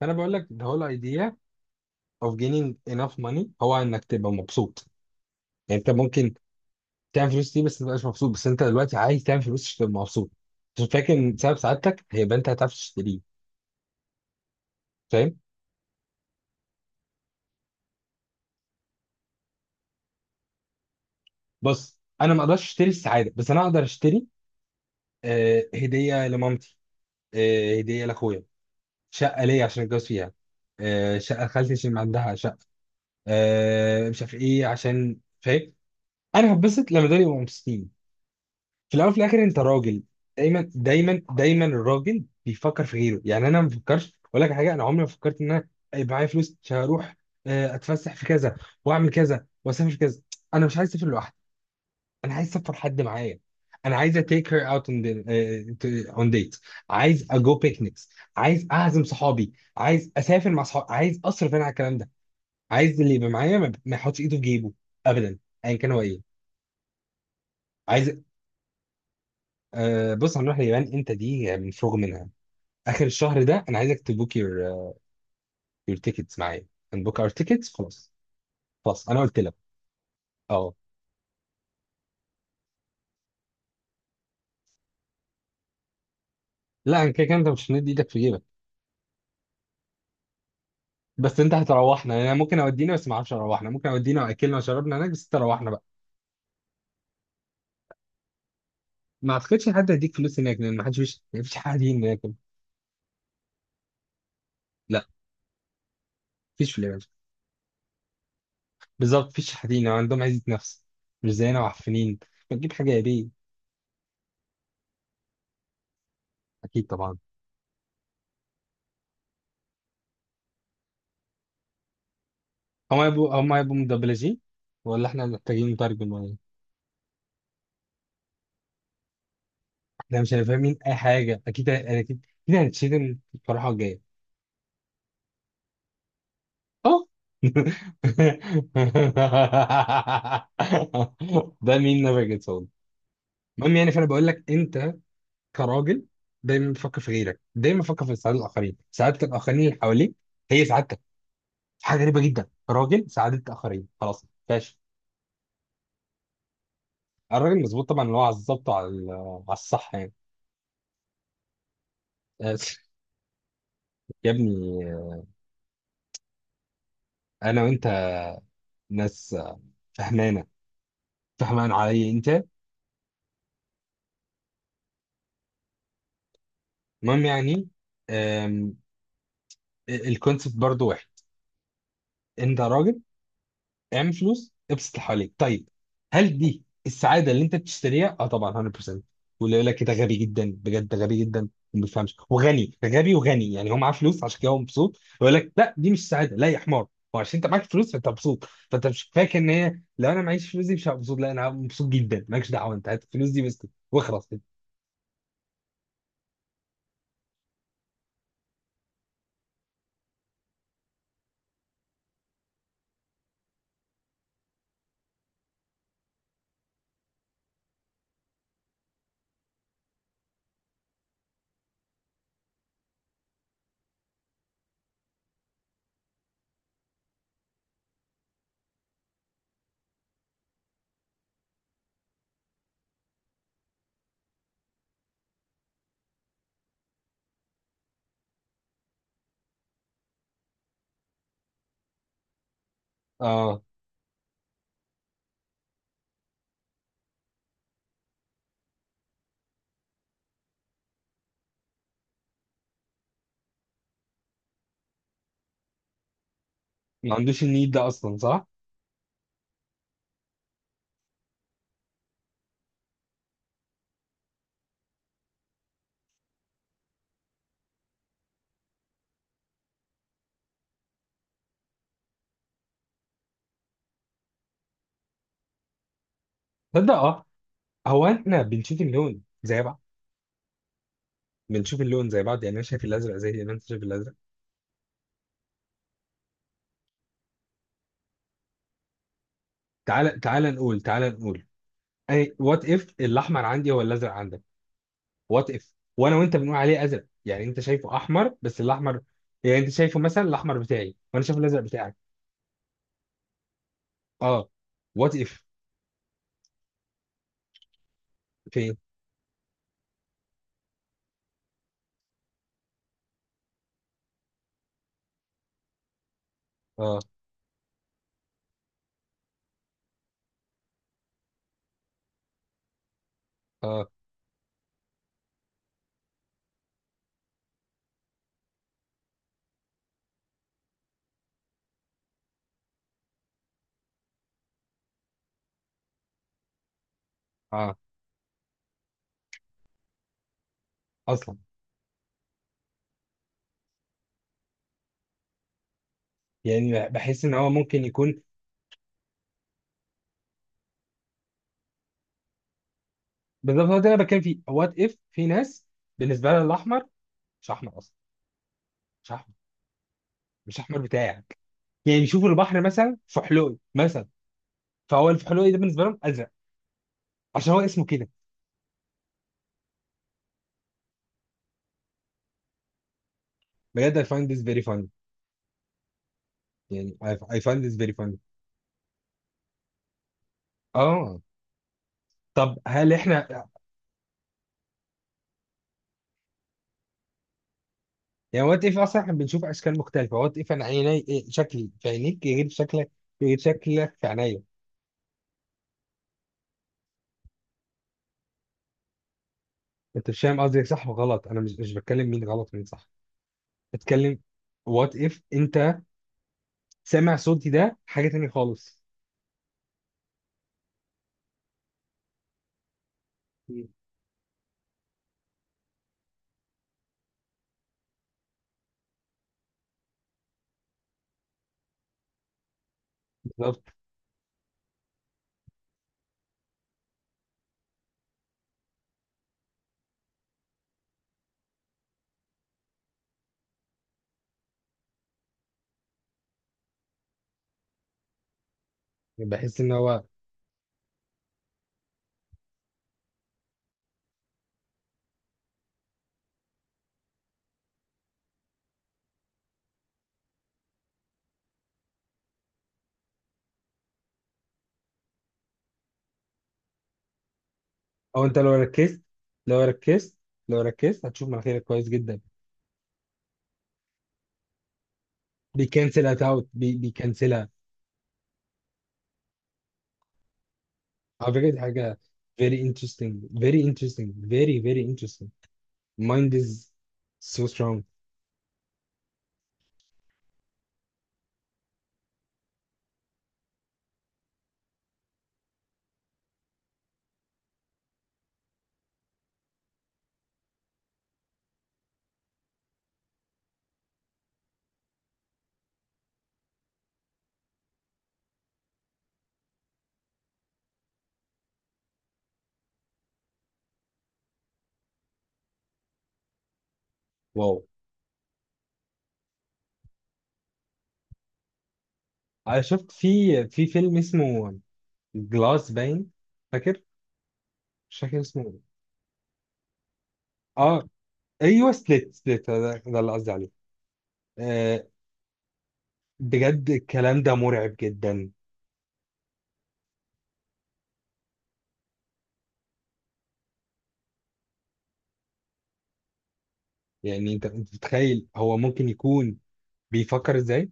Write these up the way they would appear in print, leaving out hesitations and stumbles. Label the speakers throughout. Speaker 1: فانا بقول لك the whole idea of gaining enough money هو انك تبقى مبسوط. يعني انت ممكن تعمل فلوس دي بس ما تبقاش مبسوط، بس انت دلوقتي عايز تعمل فلوس عشان تبقى مبسوط، عشان فاكر ان سبب سعادتك هيبقى انت هتعرف تشتريه. فاهم؟ بص، انا ما اقدرش اشتري السعاده، بس انا اقدر اشتري هديه لمامتي، هديه لاخويا، شقه ليا عشان اتجوز فيها، شقه لخالتي عشان عندها شقه، مش عارف ايه، عشان فاهم انا هتبسط لما دول يبقوا مبسوطين. في الاول وفي الاخر انت راجل. دايما دايما دايما الراجل بيفكر في غيره، يعني انا ما بفكرش اقول لك على حاجه، انا عمري ما فكرت ان انا يبقى معايا فلوس عشان اروح، اتفسح في كذا واعمل كذا واسافر في كذا. انا مش عايز اسافر لوحدي، انا عايز اسافر حد معايا. انا عايز اتيك هير اوت اون ديت، عايز اجو بيكنيكس، عايز اعزم صحابي، عايز اسافر مع صحابي، عايز اصرف انا على الكلام ده. عايز اللي يبقى معايا ما يحطش ايده في جيبه ابدا، ايا كان هو ايه. عايز بص، هنروح اليابان، انت دي يعني مفروغ منها. اخر الشهر ده انا عايزك تبوك يور يور تيكتس معايا، نبوك اور تيكتس، خلاص. خلاص انا قلت لك. اه. لا، انا كده كده انت مش هندي ايدك في جيبك. بس انت هتروحنا، يعني انا ممكن اودينا بس ما اعرفش اروحنا، ممكن اودينا واكلنا وشربنا هناك، بس تروحنا بقى. ما اعتقدش حد هيديك فلوس هناك، لان ما فيش حد هناك. لا، فيش في اليابان. بالظبط، فيش حد هنا، عندهم عزة نفس، مش زينا وعفنين. ما تجيب حاجه يا بيه. اكيد طبعا. هم هيبقوا مدبلجين، ولا احنا محتاجين مترجم ولا إيه؟ احنا مش هنبقى فاهمين اي حاجه اكيد، انا اكيد اكيد هنتشتم في الفرحه الجايه. اه. ده مين نافع صوت؟ المهم، يعني فانا بقول لك، انت كراجل دايما بتفكر في غيرك، دايما بتفكر في سعاده الاخرين. سعاده الاخرين اللي حواليك هي سعادتك. حاجه غريبه جدا، راجل سعاده الاخرين، خلاص ماشي. الراجل مظبوط طبعا، اللي هو على الظبط وعلى على الصح يعني. بس يا ابني انا وانت ناس فهمانه، فهمان علي انت. المهم يعني، الكونسيبت برضو واحد. انت راجل، اعمل فلوس، ابسط اللي حواليك. طيب، هل دي السعاده اللي انت بتشتريها؟ اه طبعا، 100%. واللي يقول لك "إيه ده غبي جدا، بجد ده غبي جدا وما بيفهمش وغني، ده غبي وغني، يعني هو معاه فلوس عشان كده هو مبسوط"، يقول لك لا دي مش سعاده. لا يا حمار، هو عشان انت معاك فلوس فانت مبسوط، فانت مش فاكر ان هي لو انا معيش فلوس دي مش هبقى مبسوط. لا، انا هبقى مبسوط جدا. مالكش دعوه، انت هات الفلوس دي بس واخلص كده. اه، ما عندوش النيد ده اصلا صح؟ تصدق اه. هو احنا بنشوف اللون زي بعض؟ بنشوف اللون زي بعض، يعني انا شايف الازرق زي ما انت شايف الازرق. تعال تعال نقول، اي وات اف الاحمر عندي هو الازرق عندك. وات اف وانا وانت بنقول عليه ازرق، يعني انت شايفه احمر، بس الاحمر، يعني انت شايفه مثلا الاحمر بتاعي وانا شايف الازرق بتاعك. اه، وات اف. فين؟ اه اه اه اصلا، يعني بحس ان هو ممكن يكون. بالظبط، هو ده اللي انا بتكلم فيه. وات اف في ناس بالنسبه لها الاحمر مش احمر اصلا، مش احمر، مش احمر بتاعي. يعني يشوفوا البحر مثلا فحلوقي مثلا، فهو الفحلوقي ده بالنسبه لهم ازرق عشان هو اسمه كده. بجد I find this very funny. يعني I find this very funny. اه. طب هل احنا يعني وات اف اصلا احنا بنشوف اشكال مختلفه؟ وات اف انا عيني إيه، شكلي في عينيك غير شكلك، غير شكلك في عينيا. انت مش فاهم قصدي، صح وغلط، انا مش بتكلم مين غلط ومين صح. بتكلم وات اف انت سامع صوتي ده حاجه تانية خالص. بالظبط. بحس ان هو، او انت لو ركزت، لو ركزت لو ركزت هتشوف مناخيرك كويس جدا. بيكنسل اوت، بيكنسلها. على فكره، دي حاجه very interesting, very interesting, very very interesting. Mind is so strong. واو. انا شفت في فيلم اسمه جلاس باين، فاكر، مش فاكر اسمه إيه. اه، ايوه سبليت. ده اللي قصدي عليه. آه، بجد الكلام ده مرعب جدا. يعني انت متخيل هو ممكن يكون بيفكر ازاي؟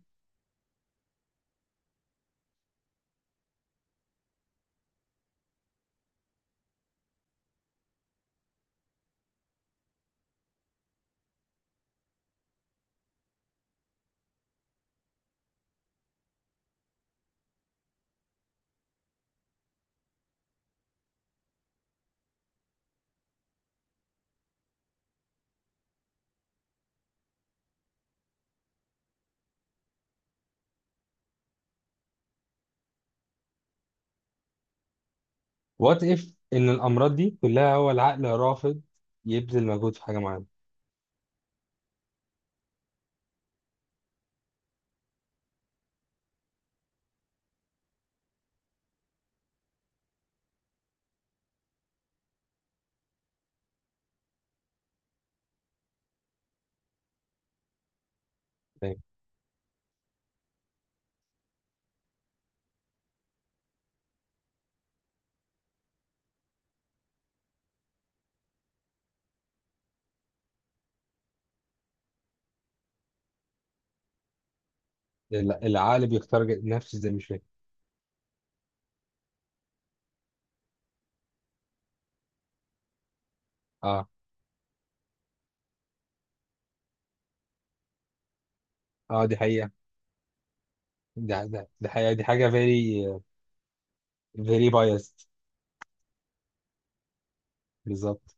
Speaker 1: وات اف ان الامراض دي كلها هو العقل رافض يبذل مجهود في حاجه معينه. فاهم. العقل بيختار نفسه، زي مش فاهم. اه. اه، دي حقيقه. دي حقيقه، دي حاجه فيري فيري بايست. بالظبط.